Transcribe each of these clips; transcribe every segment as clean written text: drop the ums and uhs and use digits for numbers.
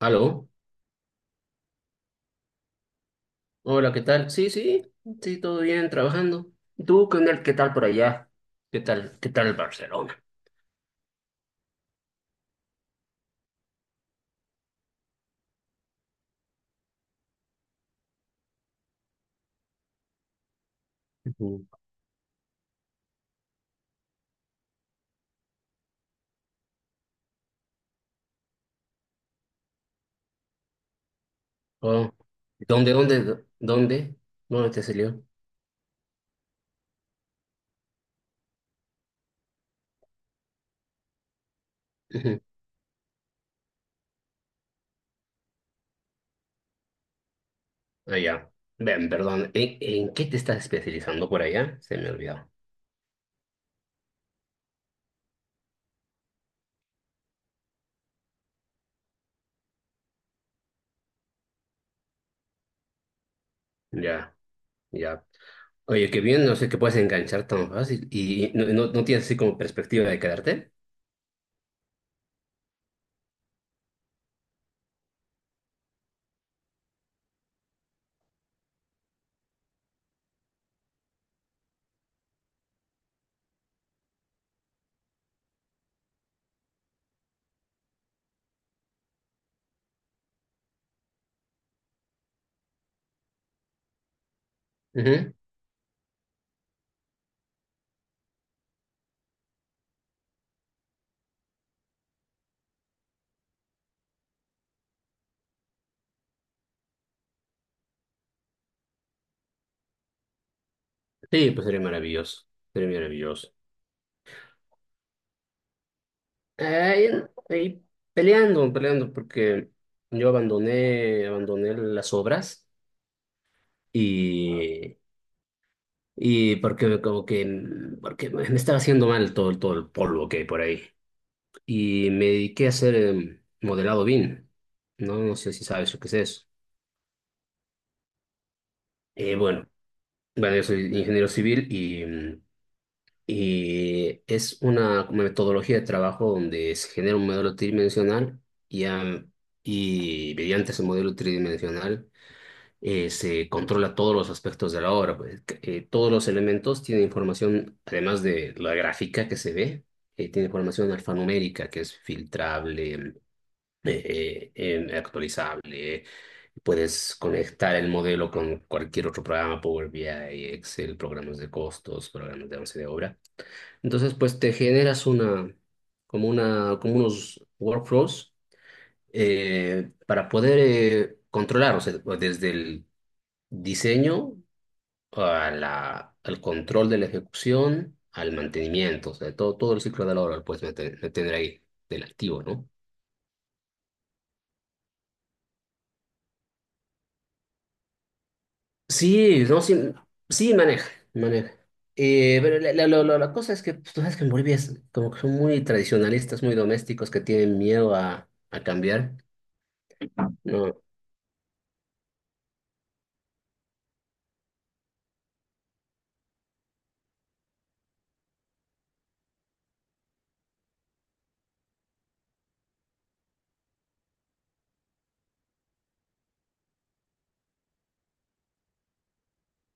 Aló, hola, ¿qué tal? Sí, sí, sí, todo bien, trabajando. ¿Tú qué onda? ¿Qué tal por allá? ¿Qué tal? ¿Qué tal Barcelona? Ujú. Oh, ¿dónde? ¿Dónde te salió? Ujú. Allá. Ven, perdón, ¿en qué te estás especializando por allá? Se me olvidó. Ya, ya. Oye, qué bien, no sé qué puedes enganchar tan fácil. ¿Y no tienes así como perspectiva de quedarte? Ujú. Sí, pues sería maravilloso. Sería maravilloso. Ahí, ahí peleando, peleando, porque yo abandoné las obras y, y porque como que porque me estaba haciendo mal todo el polvo que hay por ahí. Y me dediqué a hacer modelado BIM. No, no sé si sabes lo que es eso. Eh, bueno, bueno, yo soy ingeniero civil y es una como metodología de trabajo donde se genera un modelo tridimensional y, am, y mediante ese modelo tridimensional se controla todos los aspectos de la obra. Pues, todos los elementos tienen información, además de la gráfica que se ve, tiene información alfanumérica que es filtrable, actualizable. Puedes conectar el modelo con cualquier otro programa, Power BI, Excel, programas de costos, programas de avance de obra. Entonces, pues te generas como unos workflows para poder controlar, o sea, desde el diseño a la- al control de la ejecución, al mantenimiento, o sea, todo el ciclo de la obra, pues me tendré ahí del activo, ¿no? Sí, no, sí, sí, maneja, maneja. Pero la cosa es que pues, tú sabes que en Bolivia es como que son muy tradicionalistas, muy domésticos, que tienen miedo a cambiar. No,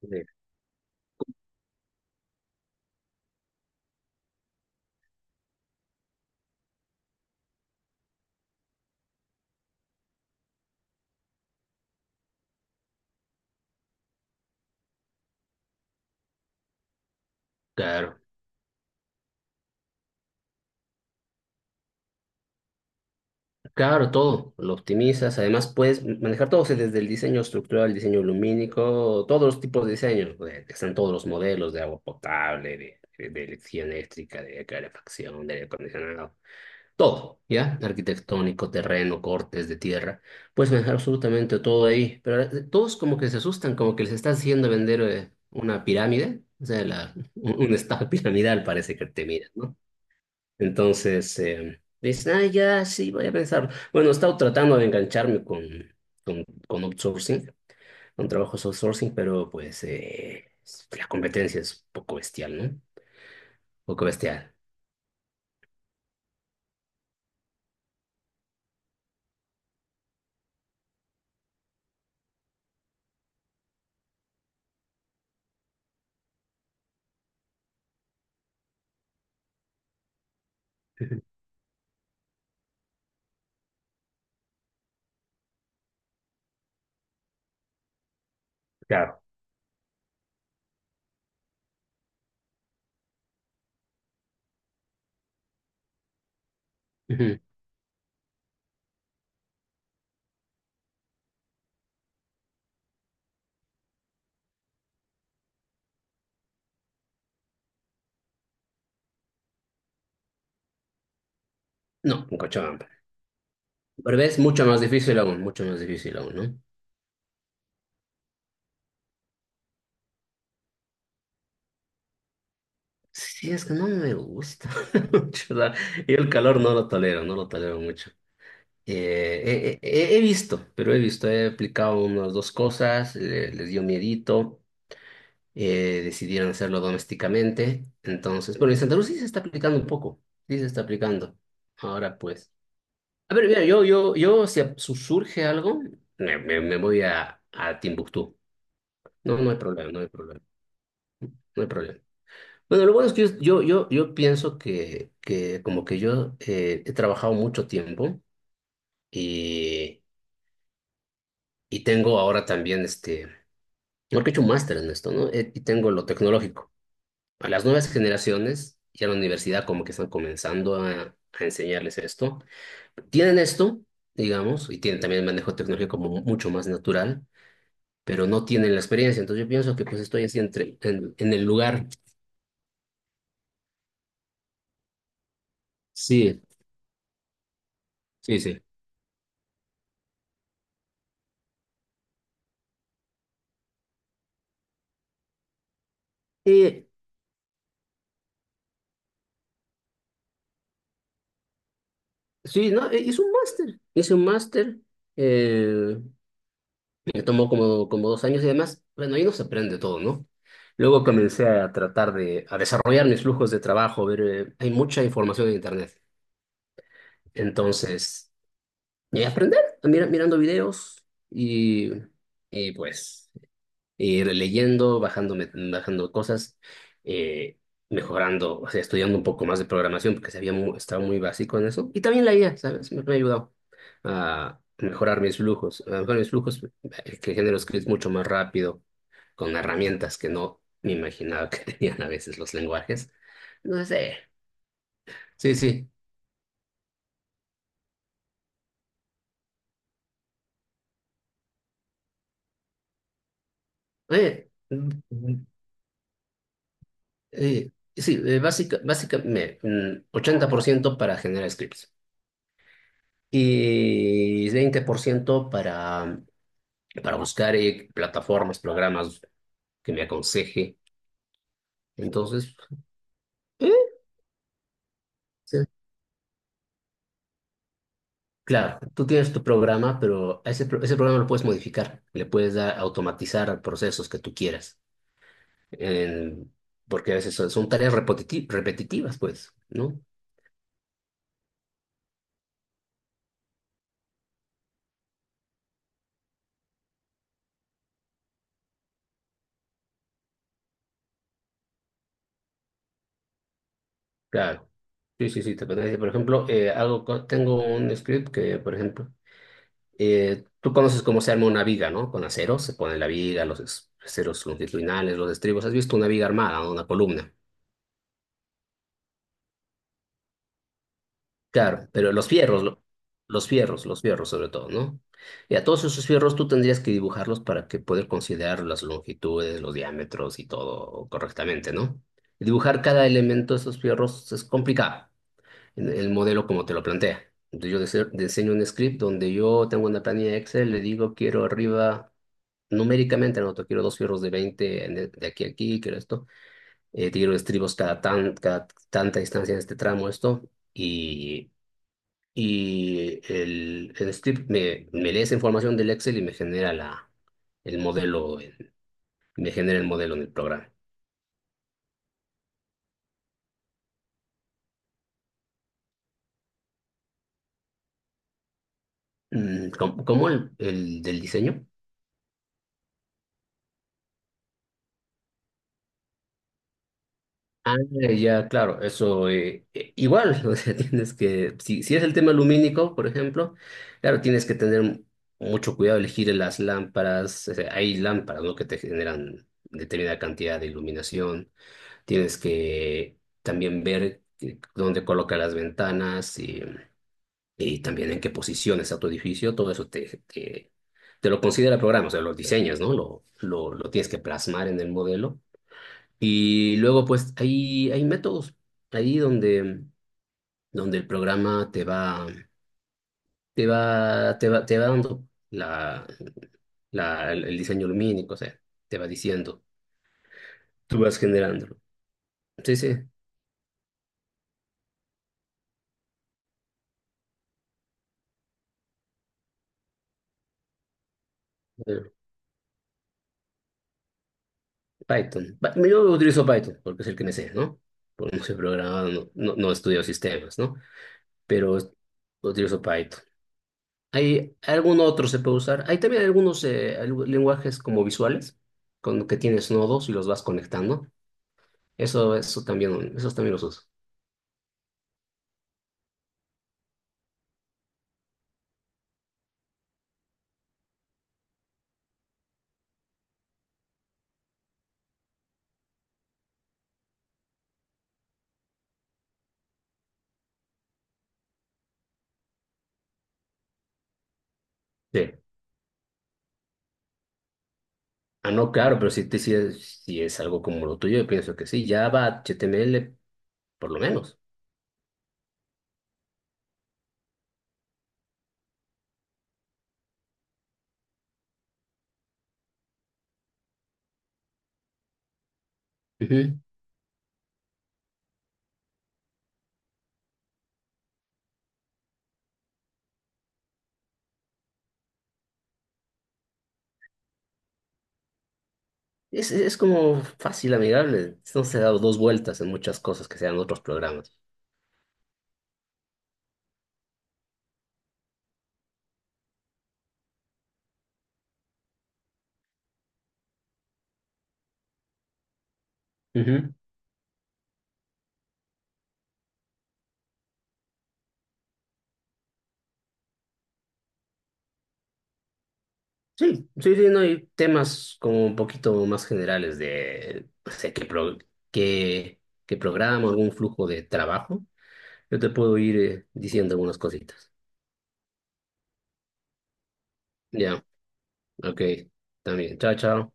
sí. Claro. Claro, todo, lo optimizas, además puedes manejar todo, o sea, desde el diseño estructural, el diseño lumínico, todos los tipos de diseños, están todos los modelos de agua potable, de electricidad eléctrica, de calefacción, de aire acondicionado, todo, ¿ya? Arquitectónico, terreno, cortes de tierra, puedes manejar absolutamente todo ahí, pero todos como que se asustan, como que les estás haciendo vender una pirámide, o sea, un estado piramidal parece que te miran, ¿no? Entonces, dices, ah, ya, sí, voy a pensar. Bueno, he estado tratando de engancharme con outsourcing, con trabajos outsourcing, pero pues la competencia es un poco bestial, ¿no? Un poco bestial. Claro. Ujú. No, en Cochabamba. Pero ves, mucho más difícil aún, mucho más difícil aún, ¿no? Sí, es que no me gusta mucho. O sea, yo el calor no lo tolero, no lo tolero mucho. He visto, pero he aplicado unas dos cosas, les dio miedito. Decidieron hacerlo domésticamente. Entonces, bueno, en Santa Cruz sí se está aplicando un poco, sí se está aplicando. Ahora pues. A ver, mira, yo, si surge algo, me voy a Timbuktu. No, no hay problema, no hay problema, no hay problema. Bueno, lo bueno es que yo pienso que como que yo he trabajado mucho tiempo y, y tengo ahora también este, porque he hecho un máster en esto, ¿no? Y tengo lo tecnológico. A las nuevas generaciones y a la universidad como que están comenzando a enseñarles esto. Tienen esto, digamos, y tienen también el manejo tecnológico como mucho más natural, pero no tienen la experiencia. Entonces yo pienso que pues estoy así en el lugar. Sí, sí, sí. Eh, sí, no, hice un máster, eh, me tomó como 2 años y además, bueno, ahí no se aprende todo, ¿no? Luego comencé a tratar de, a desarrollar mis flujos de trabajo, ver, hay mucha información en Internet. Entonces, y aprender, mirando videos y, pues ir leyendo, bajando cosas, eh, mejorando, o sea, estudiando un poco más de programación, porque sabía estaba muy básico en eso. Y también la IA, ¿sabes? Me ha ayudado a mejorar mis flujos, que genero scripts mucho más rápido, con herramientas que no me imaginaba que tenían a veces los lenguajes. No sé, sí, sí. Oye, sí, básicamente 80% para generar scripts y 20% para, buscar plataformas, programas que me aconseje. Entonces, eh, sí. Claro, tú tienes tu programa, pero a ese programa lo puedes modificar, le puedes dar, automatizar procesos que tú quieras, en- porque a veces son tareas repetitivas, pues, ¿no? Claro. Sí, sí, sí, te parece. Por ejemplo, tengo un script que, por ejemplo, Tú conoces cómo se arma una viga, ¿no? Con aceros, se pone la viga, los aceros longitudinales, los estribos. ¿Has visto una viga armada, no? Una columna. Claro, pero los fierros, lo- los fierros sobre todo, ¿no? Y a todos esos fierros tú tendrías que dibujarlos para que poder considerar las longitudes, los diámetros y todo correctamente, ¿no? Y dibujar cada elemento de esos fierros es complicado en el modelo como te lo plantea. Entonces yo diseño un script donde yo tengo una planilla de Excel, le digo quiero arriba numéricamente, anoto quiero dos fierros de 20 en de aquí a aquí, quiero esto, quiero estribos cada tanta distancia en este tramo, esto, y, y el script me lee esa información del Excel y me genera el modelo, me genera el modelo en el programa. ¿Cómo el del diseño? Ah, ya, claro, eso igual, o sea, tienes que, si es el tema lumínico, por ejemplo, claro, tienes que tener mucho cuidado elegir las lámparas, o sea, hay lámparas, ¿no? Que te generan determinada cantidad de iluminación, tienes que también ver dónde coloca las ventanas y también en qué posición está tu edificio, todo eso te lo considera el programa, o sea, los diseños, ¿no? Lo tienes que plasmar en el modelo y luego, pues, hay métodos ahí donde el programa te va dando la, el diseño lumínico, o sea, te va diciendo, tú vas generándolo. Sí, sí, bueno, Python. Yo utilizo Python porque es el que me sé, ¿no? Porque no soy programador, no estudio sistemas, ¿no? Pero utilizo Python. ¿Hay algún otro se puede usar? Hay también algunos lenguajes como visuales, con que tienes nodos y los vas conectando. Eso también, esos también los uso. Sí. Ah, no, claro, pero si es algo como lo tuyo, yo pienso que sí, Java, HTML, por lo menos. Ujú. Es como fácil, amigable. No se ha dado dos vueltas en muchas cosas que sean otros programas. Ujú. Sí, sí, sí, no hay temas como un poquito más generales de, no sé, qué, qué programa, algún flujo de trabajo. Yo te puedo ir diciendo algunas cositas. Ya, ok, también. Chao, chao.